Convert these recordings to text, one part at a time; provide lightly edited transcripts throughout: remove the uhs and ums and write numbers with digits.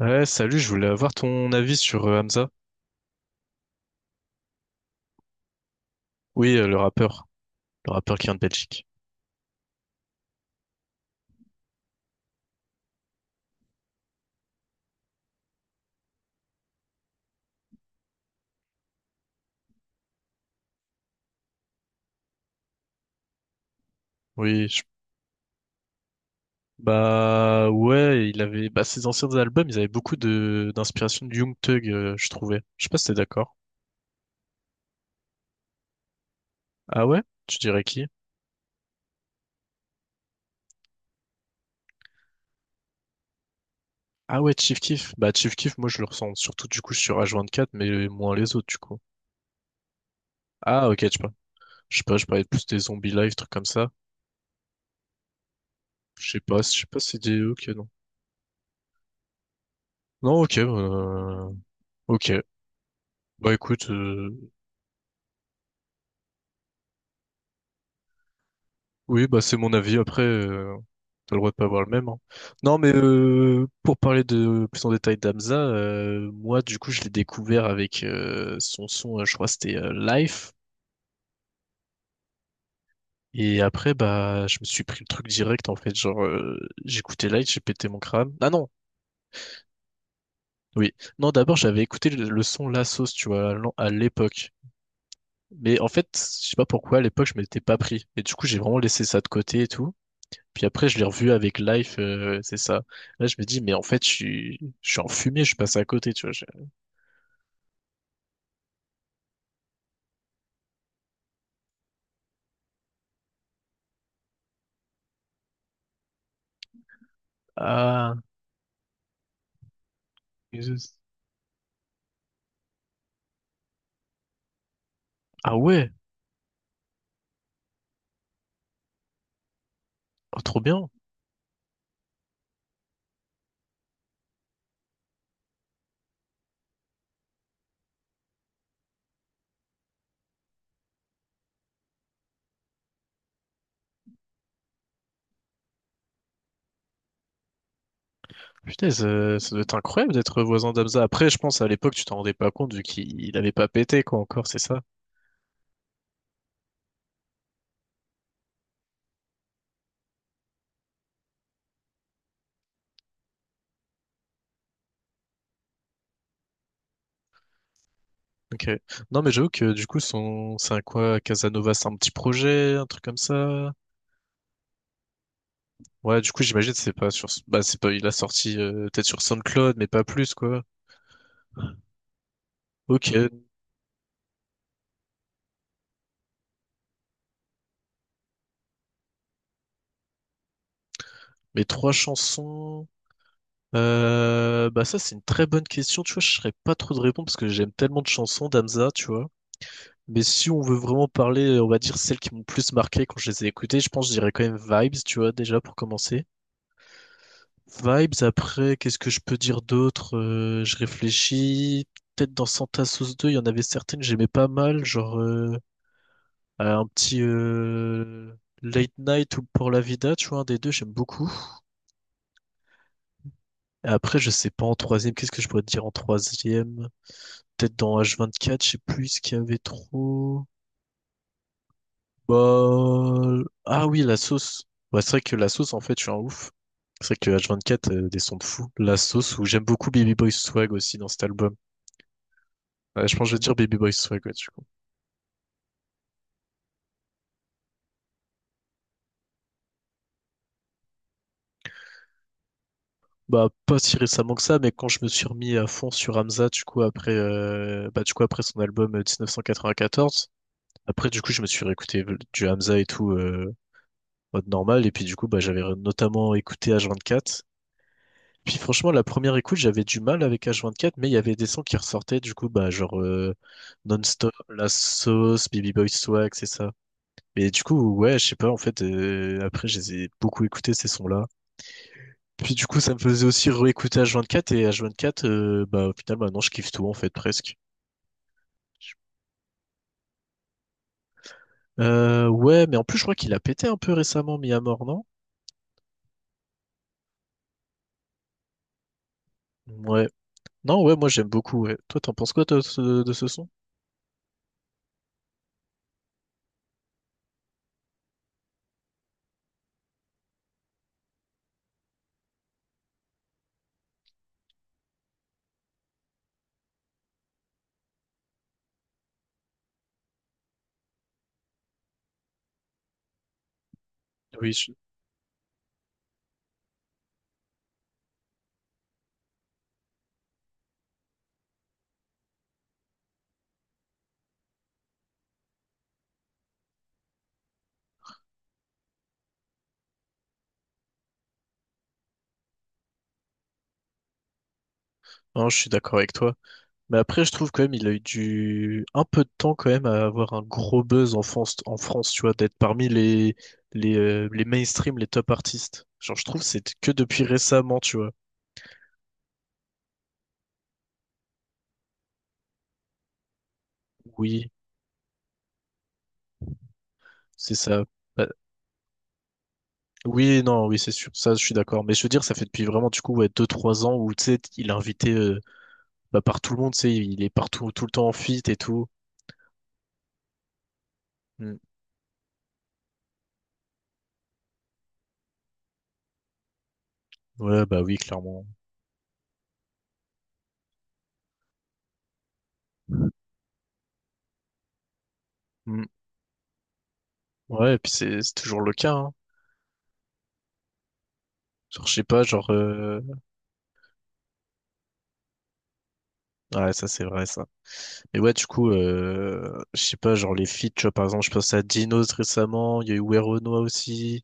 Ouais, salut, je voulais avoir ton avis sur Hamza. Oui, le rappeur qui vient de Belgique. Oui, je- Bah ouais, il avait bah ses anciens albums, ils avaient beaucoup de d'inspiration de Young Thug, je trouvais. Je sais pas si t'es d'accord. Ah ouais? Tu dirais qui? Ah ouais, Chief Keef. Bah Chief Keef, moi je le ressens surtout du coup sur H24, mais moins les autres du coup. Ah ok, je sais pas. Je sais pas, je parlais plus des zombies live, trucs comme ça. Je sais pas si c'est des... Ok, non. Non, ok, ok. Bah écoute, oui, bah c'est mon avis. Après, t'as le droit de pas avoir le même, hein. Non, mais pour parler de plus en détail d'Amza, moi du coup je l'ai découvert avec son je crois que c'était Life. Et après, bah, je me suis pris le truc direct, en fait. Genre, j'écoutais Light, j'ai pété mon crâne. Ah non, oui. Non, d'abord, j'avais écouté le son La Sauce, tu vois, à l'époque. Mais en fait, je sais pas pourquoi, à l'époque, je m'étais pas pris. Et du coup, j'ai vraiment laissé ça de côté et tout. Puis après, je l'ai revu avec Life, c'est ça. Là, je me dis, mais en fait, je suis en fumée, je suis passé à côté, tu vois. Ah, Jesus. Ah ouais. Oh, trop bien. Putain, ça doit être incroyable d'être voisin d'Amza. Après, je pense à l'époque, tu t'en rendais pas compte vu qu'il il avait pas pété, quoi, encore, c'est ça? Ok. Non, mais j'avoue que du coup, son, c'est un quoi, Casanova, c'est un petit projet, un truc comme ça? Ouais, du coup, j'imagine c'est pas sur, bah c'est pas, il a sorti peut-être sur SoundCloud, mais pas plus quoi. Ok, mes trois chansons. Bah ça c'est une très bonne question, tu vois, je serais pas trop de répondre parce que j'aime tellement de chansons d'Amza, tu vois. Mais si on veut vraiment parler, on va dire celles qui m'ont le plus marqué quand je les ai écoutées, je pense que je dirais quand même Vibes, tu vois, déjà pour commencer. Vibes, après, qu'est-ce que je peux dire d'autre? Je réfléchis. Peut-être dans Santa Sauce 2 il y en avait certaines que j'aimais pas mal, genre un petit Late Night ou Pour la Vida, tu vois, un des deux, j'aime beaucoup. Et après, je sais pas en troisième, qu'est-ce que je pourrais te dire en troisième? Peut-être dans H24, je sais plus ce qu'il y avait trop. Bah... ah oui, la sauce. Ouais, c'est vrai que la sauce, en fait, je suis un ouf. C'est vrai que H24, des sons de fou. La sauce, où j'aime beaucoup Baby Boy Swag aussi dans cet album. Ouais, je pense que je vais dire Baby Boy Swag, ouais, du coup. Bah, pas si récemment que ça, mais quand je me suis remis à fond sur Hamza, du coup, après, bah, du coup, après son album 1994, après, du coup, je me suis réécouté du Hamza et tout, mode normal, et puis, du coup, bah, j'avais notamment écouté H24. Puis, franchement, la première écoute, j'avais du mal avec H24, mais il y avait des sons qui ressortaient, du coup, bah, genre, Non-Stop, La Sauce, Baby Boy Swag, c'est ça. Et du coup, ouais, je sais pas, en fait, après, je les ai beaucoup écoutés, ces sons-là. Puis du coup, ça me faisait aussi réécouter H24 et H24, bah au final, maintenant je kiffe tout en fait, presque. Ouais, mais en plus, je crois qu'il a pété un peu récemment, mis à mort, non? Ouais. Non, ouais, moi j'aime beaucoup, ouais. Toi, t'en penses quoi toi, de ce son? Oui, je, non, je suis d'accord avec toi. Mais après, je trouve quand même il a eu du un peu de temps quand même à avoir un gros buzz en France, tu vois, d'être parmi les mainstream, les top artistes. Genre, je trouve que c'est que depuis récemment, tu vois. Oui, c'est ça. Bah, oui, non, oui, c'est sûr. Ça, je suis d'accord. Mais je veux dire, ça fait depuis vraiment du coup ouais, 2-3 ans où tu sais, il est invité bah, par tout le monde, tu sais, il est partout tout le temps en feat et tout. Mm. Ouais, bah oui, clairement. Mm. Ouais, et puis c'est toujours le cas, hein. Genre, je sais pas, genre Ouais, ça c'est vrai, ça. Et ouais, du coup, je sais pas, genre les feats, tu vois, par exemple, je pense à Dinos récemment, il y a eu Weronoa aussi.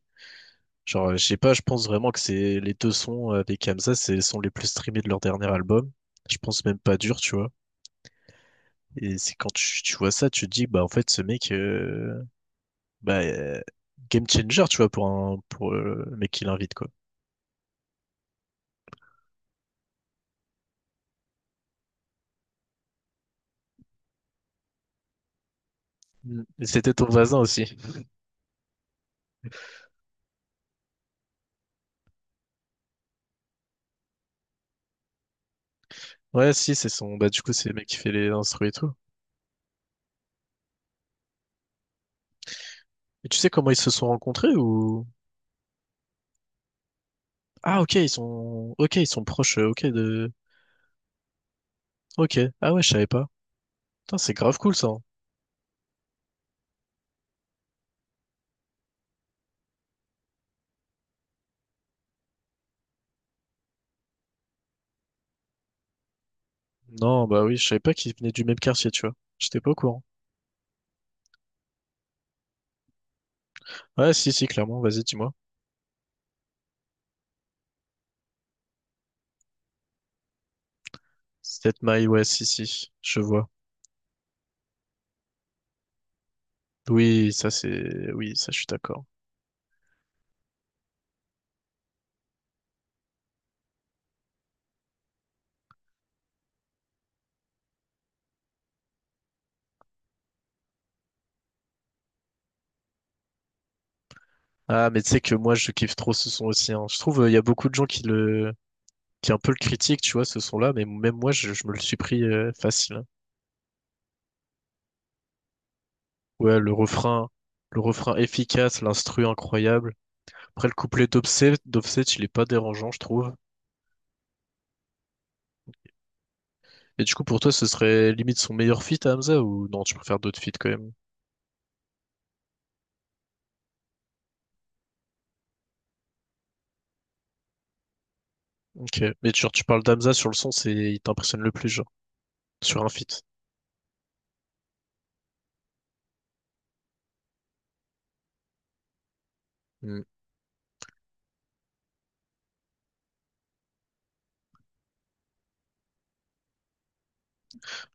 Genre, je sais pas, je pense vraiment que c'est les deux sons avec Hamza, c'est les sons les plus streamés de leur dernier album. Je pense même pas dur, tu vois. Et c'est quand tu vois ça, tu te dis, bah en fait, ce mec, bah, euh, game changer, tu vois, pour un pour le mec qui l'invite, quoi. Mm. Et c'était ton voisin aussi. Ouais, si, c'est son, bah du coup, c'est le mec qui fait les instruments et tout. Et tu sais comment ils se sont rencontrés ou? Ah ok, ils sont proches, ok de ok. Ah ouais, je savais pas. Putain, c'est grave cool ça, hein. Non, bah oui, je savais pas qu'ils venaient du même quartier, tu vois. J'étais pas au courant. Ouais, si, si, clairement. Vas-y, dis-moi. Sept mailles, ouais, si, si, je vois. Oui, ça c'est, oui, ça je suis d'accord. Ah, mais tu sais que moi je kiffe trop ce son aussi, hein. Je trouve il y a beaucoup de gens qui est un peu le critique, tu vois, ce son-là, mais même moi, je me le suis pris facile, hein. Ouais, le refrain efficace, l'instru incroyable. Après, le couplet d'Offset, il est pas dérangeant, je trouve. Et du coup, pour toi, ce serait limite son meilleur feat, à Hamza, ou non, tu préfères d'autres feats quand même? Ok. Mais genre, tu parles d'Hamza sur le son, c'est, il t'impressionne le plus, genre, sur un feat. Hmm.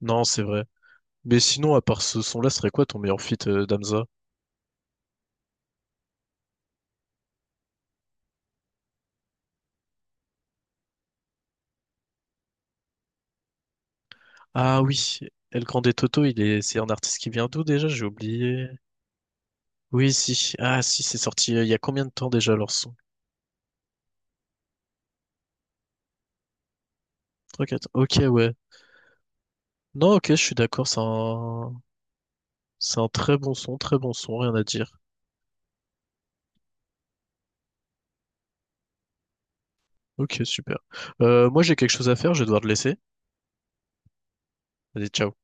Non, c'est vrai. Mais sinon, à part ce son-là, ce serait quoi ton meilleur feat, d'Hamza? Ah oui, El Grande Toto, c'est un artiste qui vient d'où déjà? J'ai oublié. Oui, si. Ah, si, c'est sorti. Il y a combien de temps déjà leur son? 3-4 ok, ouais. Non, ok, je suis d'accord. C'est un très bon son, rien à dire. Ok, super. Moi, j'ai quelque chose à faire, je vais devoir te laisser. Vas-y, ciao.